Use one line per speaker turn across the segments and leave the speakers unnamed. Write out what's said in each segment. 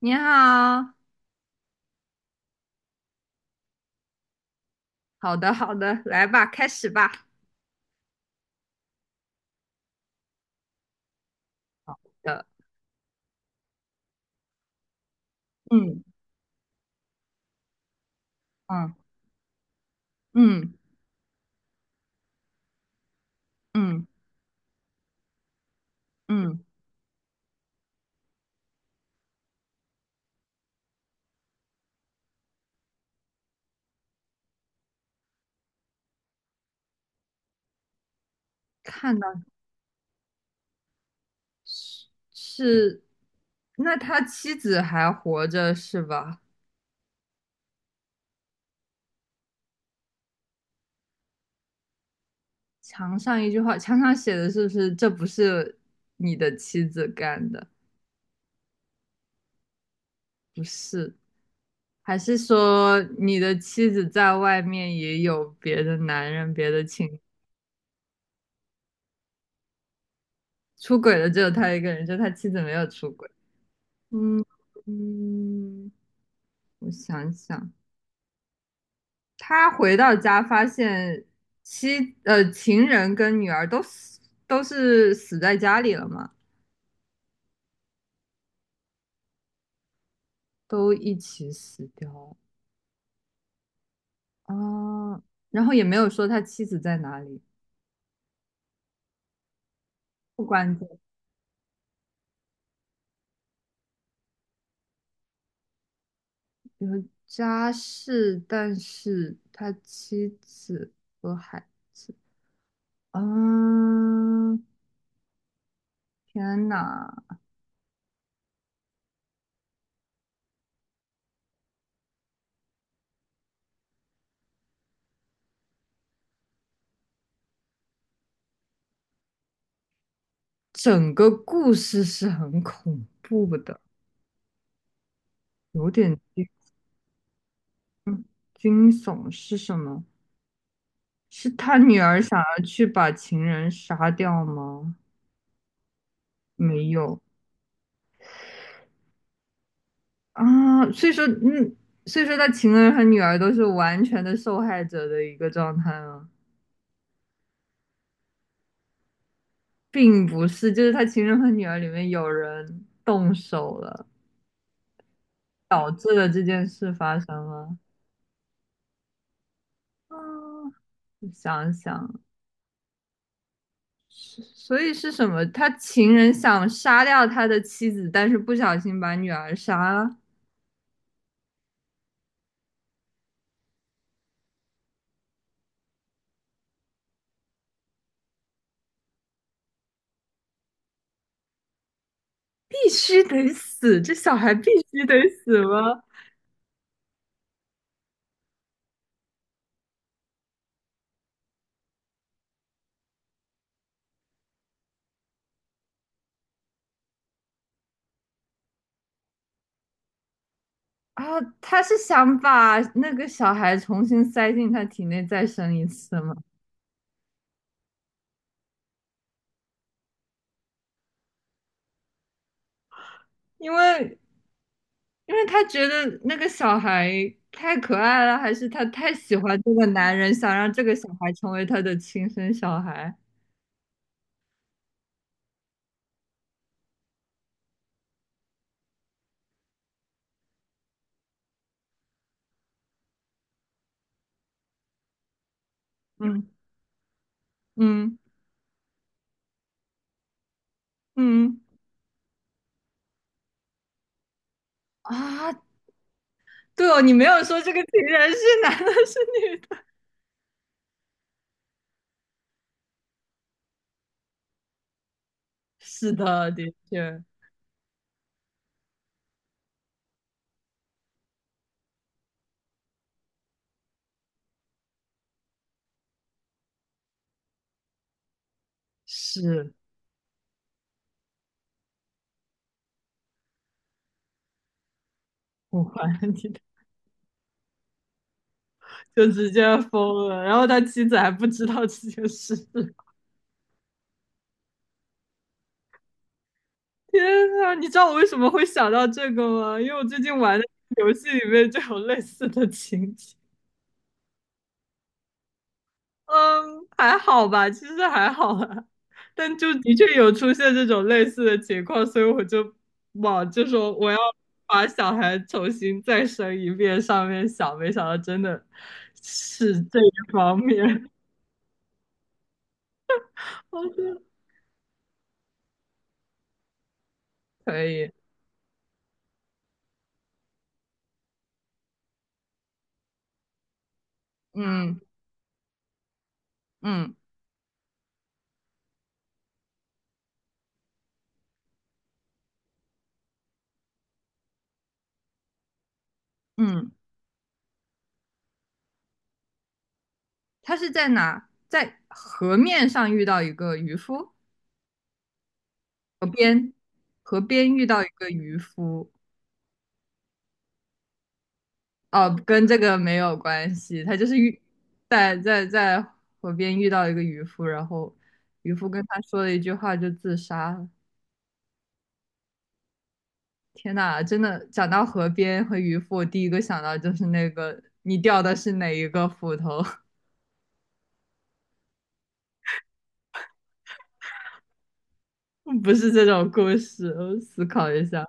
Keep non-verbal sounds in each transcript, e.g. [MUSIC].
你好。好的，好的，来吧，开始吧。好的。嗯嗯嗯嗯嗯，看到是是，那他妻子还活着是吧？墙上一句话，墙上写的是不是这不是你的妻子干的？不是。还是说你的妻子在外面也有别的男人、别的情？出轨的只有他一个人，就他妻子没有出轨。嗯嗯。我想想。他回到家发现情人跟女儿都是死在家里了嘛。都一起死掉了。啊，然后也没有说他妻子在哪里。不关键。有家事，但是他妻子和孩子。啊，天呐。整个故事是很恐怖的。有点惊惊悚是什么？是他女儿想要去把情人杀掉吗？没有啊。所以说，嗯，所以说他情人和女儿都是完全的受害者的一个状态吗？并不是，就是他情人和女儿里面有人动手了，导致了这件事发生了。啊，我想想。是所以是什么？他情人想杀掉他的妻子，但是不小心把女儿杀了。必须得死，这小孩必须得死吗？啊，他是想把那个小孩重新塞进他体内再生一次吗？因为他觉得那个小孩太可爱了，还是他太喜欢这个男人，想让这个小孩成为他的亲生小孩？嗯嗯嗯。啊，对哦，你没有说这个情人是男的，是女的？是的，的确是。我怀疑的。就直接疯了。然后他妻子还不知道这件事。天呐，你知道我为什么会想到这个吗？因为我最近玩的游戏里面就有类似的情节。嗯，还好吧，其实还好啦。但就的确有出现这种类似的情况，所以我就往就说我要把小孩重新再生一遍上面想，没想到真的是这一方面。[LAUGHS] 好的。可以。嗯嗯嗯。他是在哪？在河面上遇到一个渔夫。河边，河边遇到一个渔夫。哦，跟这个没有关系。他就是遇在在在河边遇到一个渔夫，然后渔夫跟他说了一句话就自杀了。天呐，真的讲到河边和渔夫，我第一个想到就是那个你掉的是哪一个斧头。[LAUGHS] 不是这种故事。我思考一下。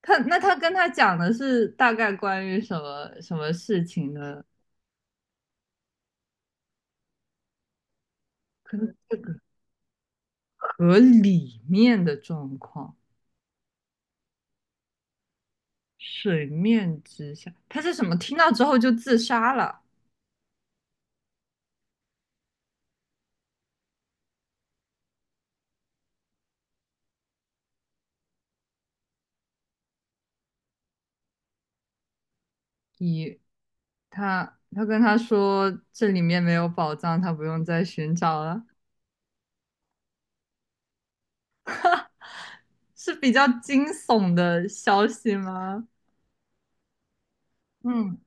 他那他跟他讲的是大概关于什么什么事情呢？可能这个河里面的状况。水面之下，他是什么？听到之后就自杀了。以他跟他说这里面没有宝藏，他不用再寻找了，是比较惊悚的消息吗？嗯，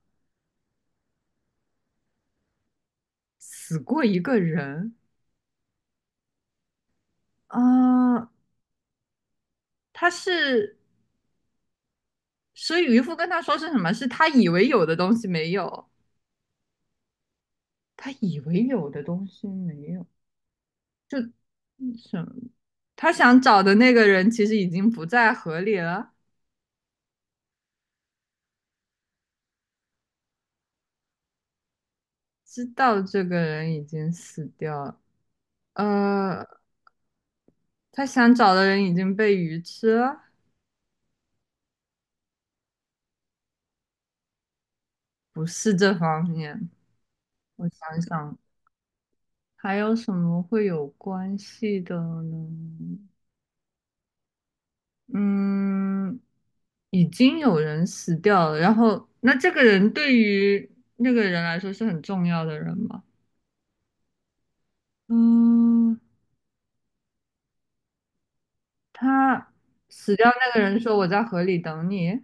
死过一个人啊。呃他是，所以渔夫跟他说是什么？是他以为有的东西没有。他以为有的东西没有。嗯什么？他想找的那个人其实已经不在河里了。知道这个人已经死掉了。呃，他想找的人已经被鱼吃了。不是这方面。我想想，还有什么会有关系的呢？嗯，已经有人死掉了，然后那这个人对于那个人来说是很重要的人吗？嗯，他死掉那个人说我在河里等你。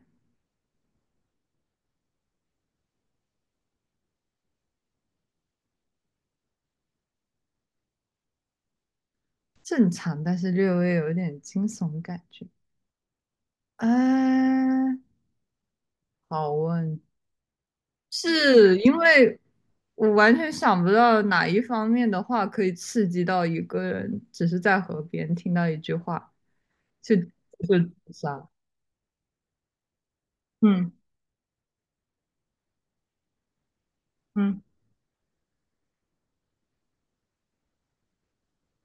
正常，但是略微有一点惊悚感觉。哎，好问。是因为我完全想不到哪一方面的话可以刺激到一个人，只是在河边听到一句话就自杀。嗯嗯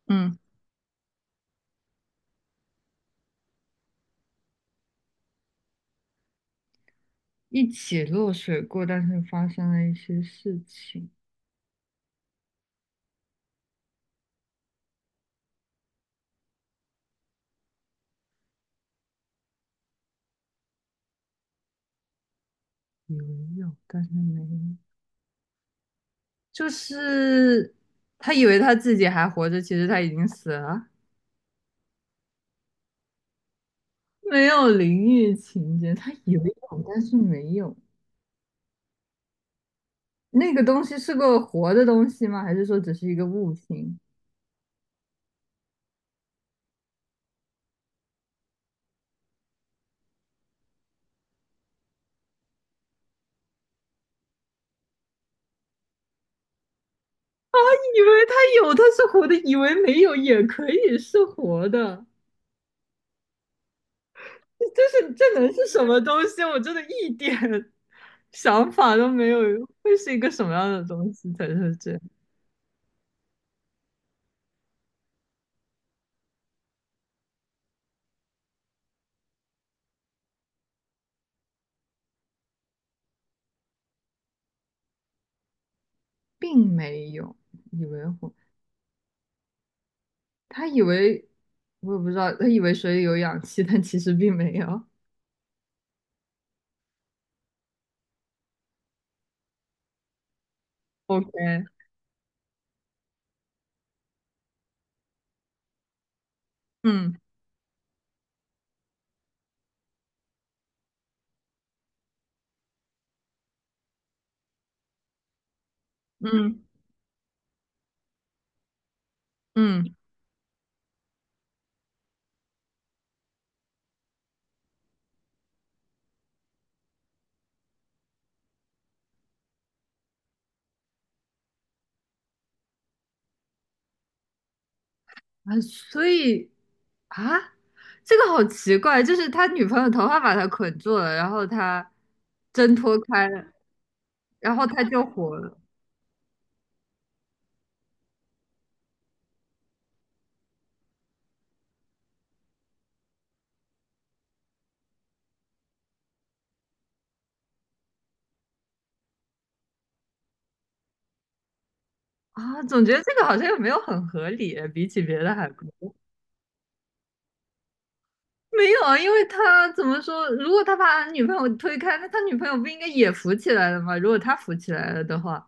嗯。一起落水过，但是发生了一些事情。以为有，但是没有。就是他以为他自己还活着，其实他已经死了。没有淋浴情节，他以为有，但是没有。那个东西是个活的东西吗？还是说只是一个物品？以为它有，它是活的；以为没有，也可以是活的。这是这能是什么东西？我真的一点 [LAUGHS] 想法都没有。会是一个什么样的东西才是这样并没有。以为活，他以为我也不知道。他以为水里有氧气，但其实并没有。OK。嗯嗯嗯。啊，所以啊，这个好奇怪，就是他女朋友头发把他捆住了，然后他挣脱开了，然后他就活了啊。总觉得这个好像又没有很合理，比起别的还。没有啊，因为他怎么说，如果他把女朋友推开，那他女朋友不应该也浮起来了吗？如果他浮起来了的话，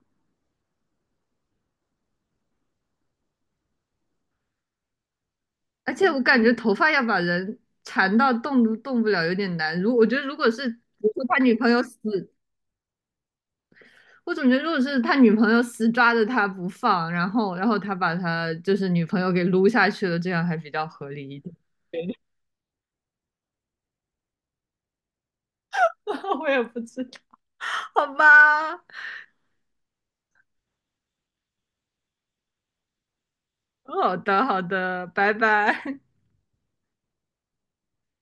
而且我感觉头发要把人缠到动都动不了有点难。如我觉得如果是，比如说他女朋友死我总觉得，如果是他女朋友死抓着他不放，然后他把他就是女朋友给撸下去了，这样还比较合理一点。[LAUGHS] 我也不知道。好吧。好的，好的，拜拜。